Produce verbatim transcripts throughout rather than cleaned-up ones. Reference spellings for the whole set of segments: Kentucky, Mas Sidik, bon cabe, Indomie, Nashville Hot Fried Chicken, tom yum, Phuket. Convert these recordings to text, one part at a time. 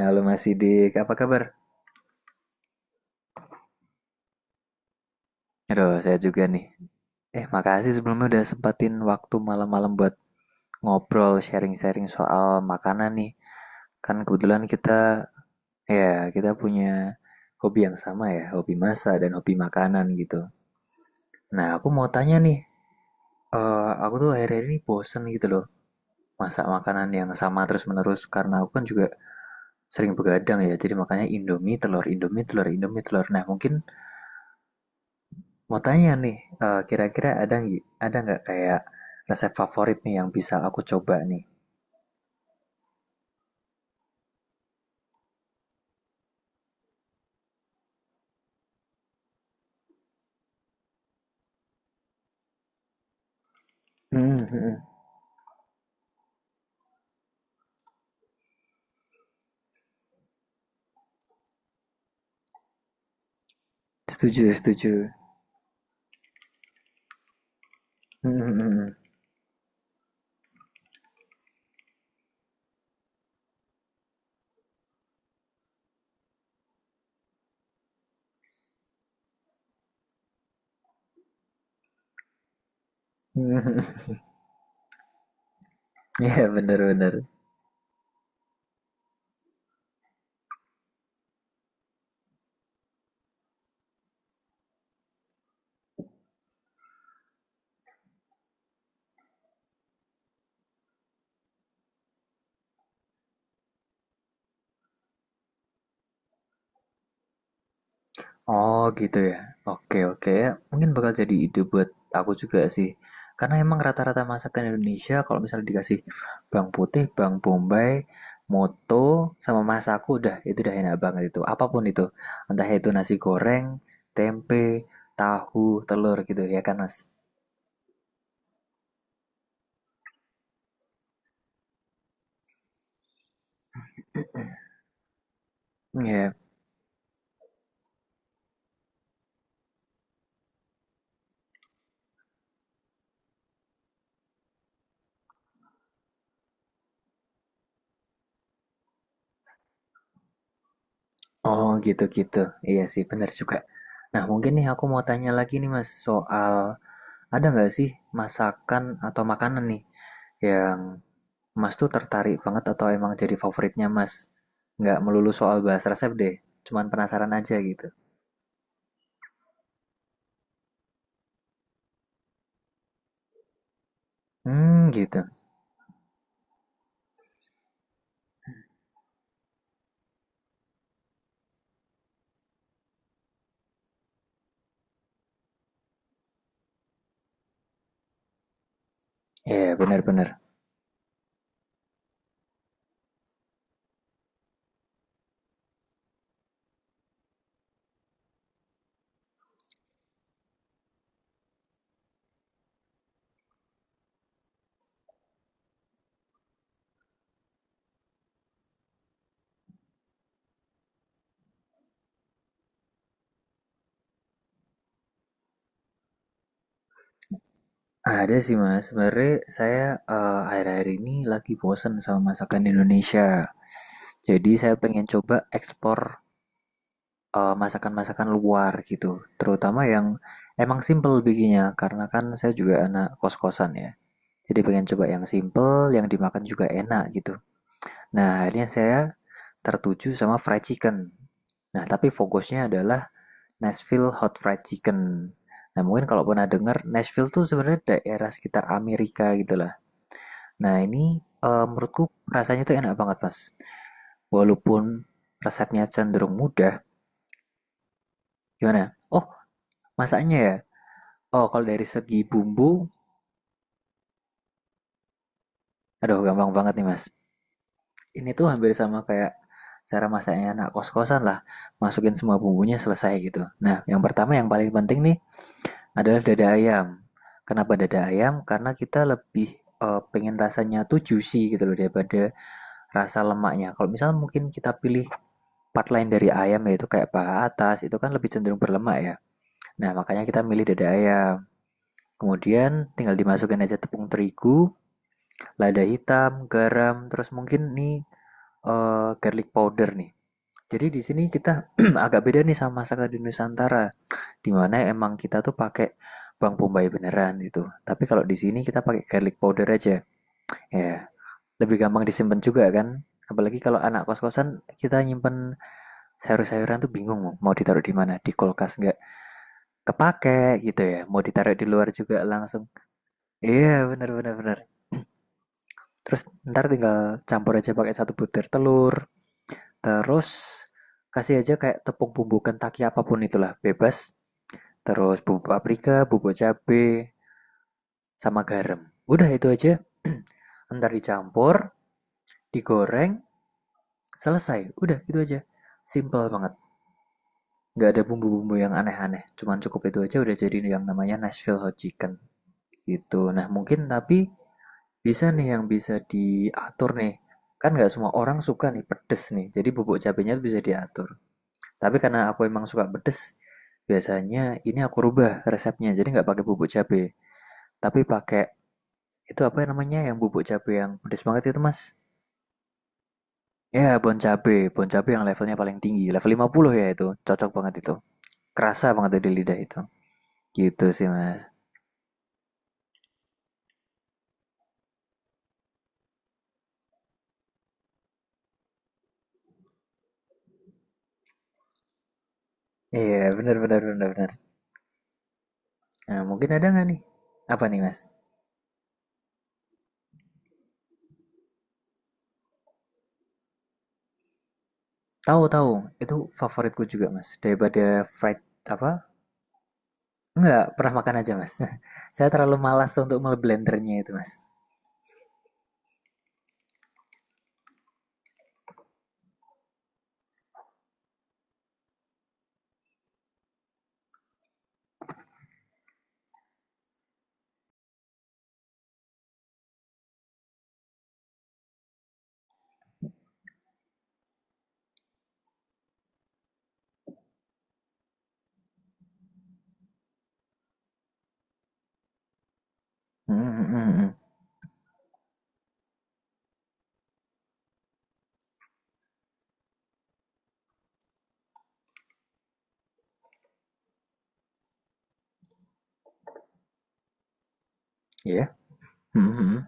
Halo Mas Sidik, apa kabar? Aduh, saya juga nih. Eh, makasih sebelumnya udah sempatin waktu malam-malam buat ngobrol, sharing-sharing soal makanan nih. Kan kebetulan kita, ya, kita punya hobi yang sama ya, hobi masak dan hobi makanan gitu. Nah, aku mau tanya nih, eh aku tuh akhir-akhir ini bosen gitu loh masak makanan yang sama terus-menerus karena aku kan juga sering begadang ya jadi makanya Indomie telur Indomie telur Indomie telur nah mungkin mau tanya nih, eh, kira-kira ada nggak ada nggak kayak resep favorit nih yang bisa aku coba nih? Hmm, hmm, hmm. Setuju, setuju. Hmm, hmm, hmm, hmm. Iya, bener-bener. Oh gitu ya. Oke, oke. Mungkin bakal jadi ide buat aku juga sih. Karena emang rata-rata masakan Indonesia kalau misalnya dikasih bawang putih, bawang bombay, moto, sama masaku udah itu udah enak banget itu. Apapun itu. Entah itu nasi goreng, tempe, tahu, telur gitu ya kan Mas. Iya. Oh gitu-gitu. Iya sih benar juga. Nah, mungkin nih aku mau tanya lagi nih Mas soal ada nggak sih masakan atau makanan nih yang Mas tuh tertarik banget atau emang jadi favoritnya Mas? Nggak melulu soal bahas resep deh, cuman penasaran aja gitu. Hmm, gitu. Ya, bener-bener. Ada sih mas, sebenarnya saya eh, akhir-akhir ini lagi bosen sama masakan Indonesia. Jadi saya pengen coba ekspor eh, masakan-masakan luar gitu. Terutama yang emang simple bikinnya, karena kan saya juga anak kos-kosan ya. Jadi pengen coba yang simple, yang dimakan juga enak gitu. Nah, akhirnya saya tertuju sama fried chicken. Nah, tapi fokusnya adalah Nashville Hot Fried Chicken. Nah, mungkin kalau pernah dengar, Nashville tuh sebenarnya daerah sekitar Amerika gitu lah. Nah, ini eh, menurutku rasanya tuh enak banget, Mas. Walaupun resepnya cenderung mudah, gimana? Oh, masaknya ya? Oh, kalau dari segi bumbu, aduh gampang banget nih, Mas. Ini tuh hampir sama kayak cara masaknya anak kos-kosan lah. Masukin semua bumbunya selesai gitu. Nah, yang pertama yang paling penting nih, adalah dada ayam. Kenapa dada ayam? Karena kita lebih, eee, pengen rasanya tuh juicy gitu loh daripada rasa lemaknya. Kalau misal mungkin kita pilih part lain dari ayam yaitu kayak paha atas, itu kan lebih cenderung berlemak ya. Nah, makanya kita milih dada ayam. Kemudian tinggal dimasukin aja tepung terigu, lada hitam, garam, terus mungkin nih, eee, garlic powder nih. Jadi di sini kita agak beda nih sama masakan di Nusantara dimana emang kita tuh pakai bawang bombay beneran gitu. Tapi kalau di sini kita pakai garlic powder aja. Ya, lebih gampang disimpan juga kan. Apalagi kalau anak kos-kosan kita nyimpen sayur-sayuran tuh bingung mau ditaruh di mana. Di kulkas nggak kepake gitu ya. Mau ditaruh di luar juga langsung. Iya, bener bener bener. Terus ntar tinggal campur aja pakai satu butir telur. Terus kasih aja kayak tepung bumbu Kentucky apapun itulah, bebas. Terus bumbu paprika, bubuk cabai sama garam. Udah itu aja. Ntar dicampur, digoreng, selesai. Udah itu aja. Simple banget. Nggak ada bumbu-bumbu yang aneh-aneh. Cuman cukup itu aja udah jadi yang namanya Nashville Hot Chicken. Gitu. Nah mungkin tapi bisa nih yang bisa diatur nih. Kan nggak semua orang suka nih pedes nih. Jadi bubuk cabenya tuh bisa diatur. Tapi karena aku emang suka pedes, biasanya ini aku rubah resepnya. Jadi nggak pakai bubuk cabe. Tapi pakai itu apa namanya yang bubuk cabe yang pedes banget itu mas? Ya, bon cabe, bon cabe yang levelnya paling tinggi, level lima puluh ya itu, cocok banget itu. Kerasa banget tuh di lidah itu. Gitu sih, Mas. Iya, benar benar benar benar. Nah, mungkin ada nggak nih? Apa nih, Mas? Tahu, tahu, itu favoritku juga, Mas. Daripada fried apa? Nggak, pernah makan aja, Mas. Saya terlalu malas untuk memblendernya itu, Mas. Hmm, hmm, hmm, hmm. Iya. Hmm, hmm, hmm.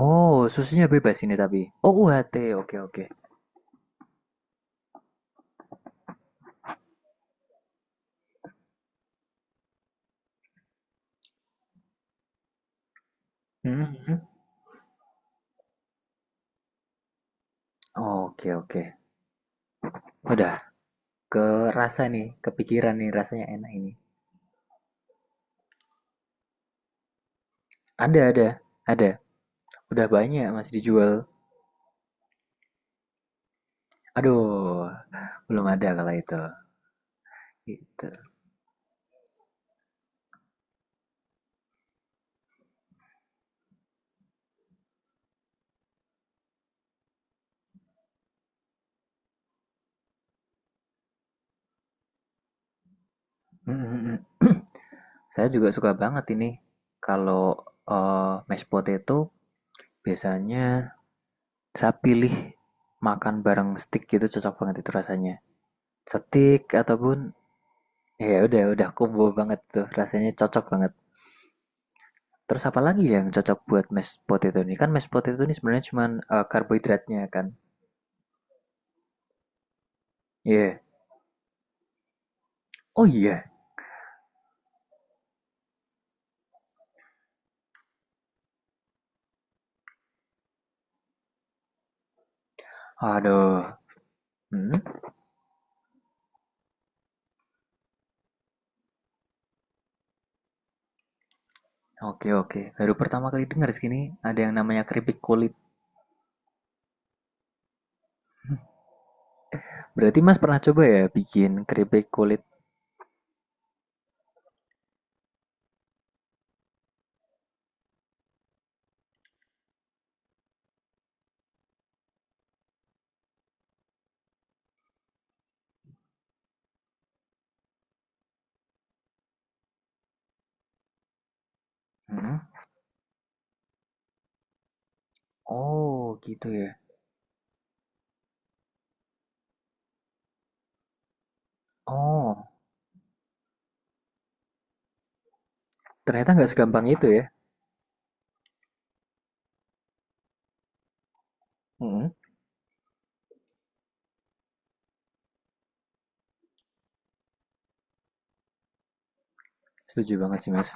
Oh, susunya bebas ini tapi. Oh, U H T. Oke, oke. Hmm, hmm, hmm. Oke, oke. Udah ke rasa nih, kepikiran nih rasanya enak ini. Ada, ada, ada. Udah banyak masih dijual. Aduh, belum ada kalau itu. Gitu. Mm, mm, mm. Saya juga suka banget ini kalau eh, mashed potato biasanya saya pilih makan bareng steak gitu cocok banget itu rasanya. Steak ataupun ya udah udah combo banget tuh rasanya cocok banget. Terus apa lagi yang cocok buat mashed potato ini? Kan mashed potato ini sebenarnya cuma eh, karbohidratnya kan. Iya. Yeah. Oh iya. Aduh. Hmm, oke oke. Baru pertama kali dengar segini ada yang namanya keripik kulit. Berarti Mas pernah coba ya bikin keripik kulit? Hmm? Oh, gitu ya. Oh, ternyata nggak segampang itu ya. Hmm, setuju banget sih Mas.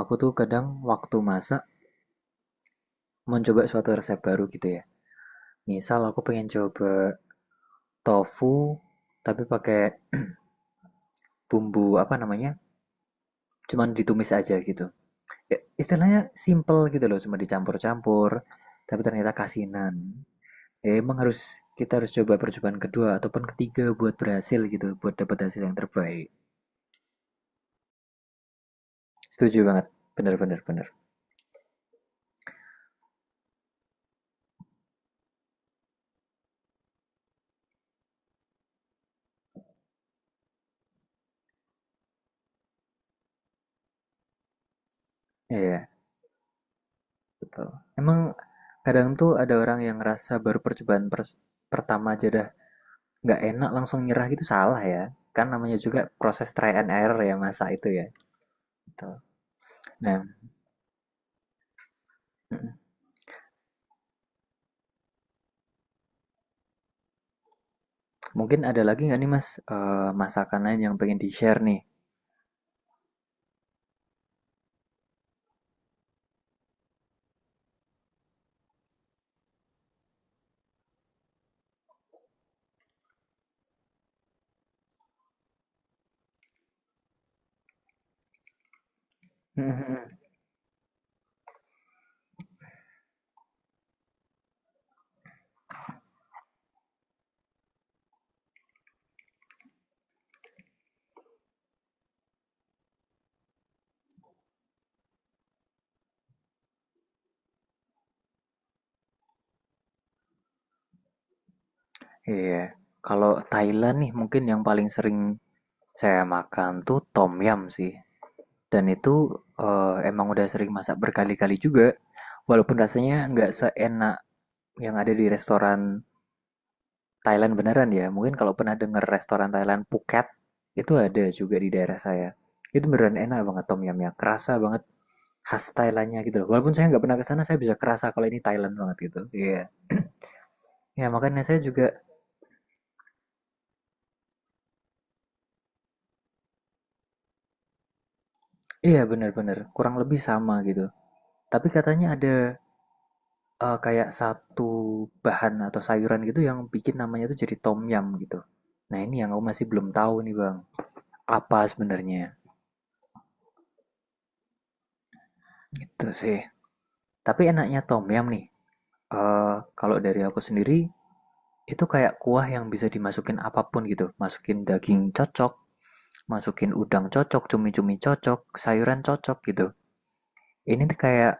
Aku tuh kadang waktu masak mencoba suatu resep baru gitu ya. Misal aku pengen coba tofu tapi pakai bumbu apa namanya? Cuman ditumis aja gitu. Ya, istilahnya simple gitu loh, cuma dicampur-campur, tapi ternyata kasinan. Ya, emang harus kita harus coba percobaan kedua ataupun ketiga buat berhasil gitu, buat dapat hasil yang terbaik. Setuju banget, bener-bener bener. Iya, iya, betul. Emang kadang tuh ada orang yang ngerasa baru percobaan pers- pertama aja dah nggak enak langsung nyerah gitu salah ya. Kan namanya juga proses try and error ya masa itu ya. Betul. Nah, mm, mungkin ada lagi nggak nih Mas eh, masakan lain yang pengen di-share nih? Iya. Kalau Thailand nih mungkin yang paling sering saya makan tuh tom yum sih. Dan itu eh, emang udah sering masak berkali-kali juga. Walaupun rasanya nggak seenak yang ada di restoran Thailand beneran ya. Mungkin kalau pernah denger restoran Thailand Phuket itu ada juga di daerah saya. Itu beneran enak banget tom yumnya. Kerasa banget khas Thailandnya gitu loh. Walaupun saya nggak pernah ke sana, saya bisa kerasa kalau ini Thailand banget gitu. Iya. Ya makanya saya juga iya bener-bener kurang lebih sama gitu. Tapi katanya ada eh, kayak satu bahan atau sayuran gitu yang bikin namanya tuh jadi tom yum gitu. Nah ini yang aku masih belum tahu nih bang, apa sebenarnya itu sih. Tapi enaknya tom yum nih, eh, kalau dari aku sendiri itu kayak kuah yang bisa dimasukin apapun gitu. Masukin daging cocok, masukin udang cocok, cumi-cumi cocok, sayuran cocok gitu. Ini tuh kayak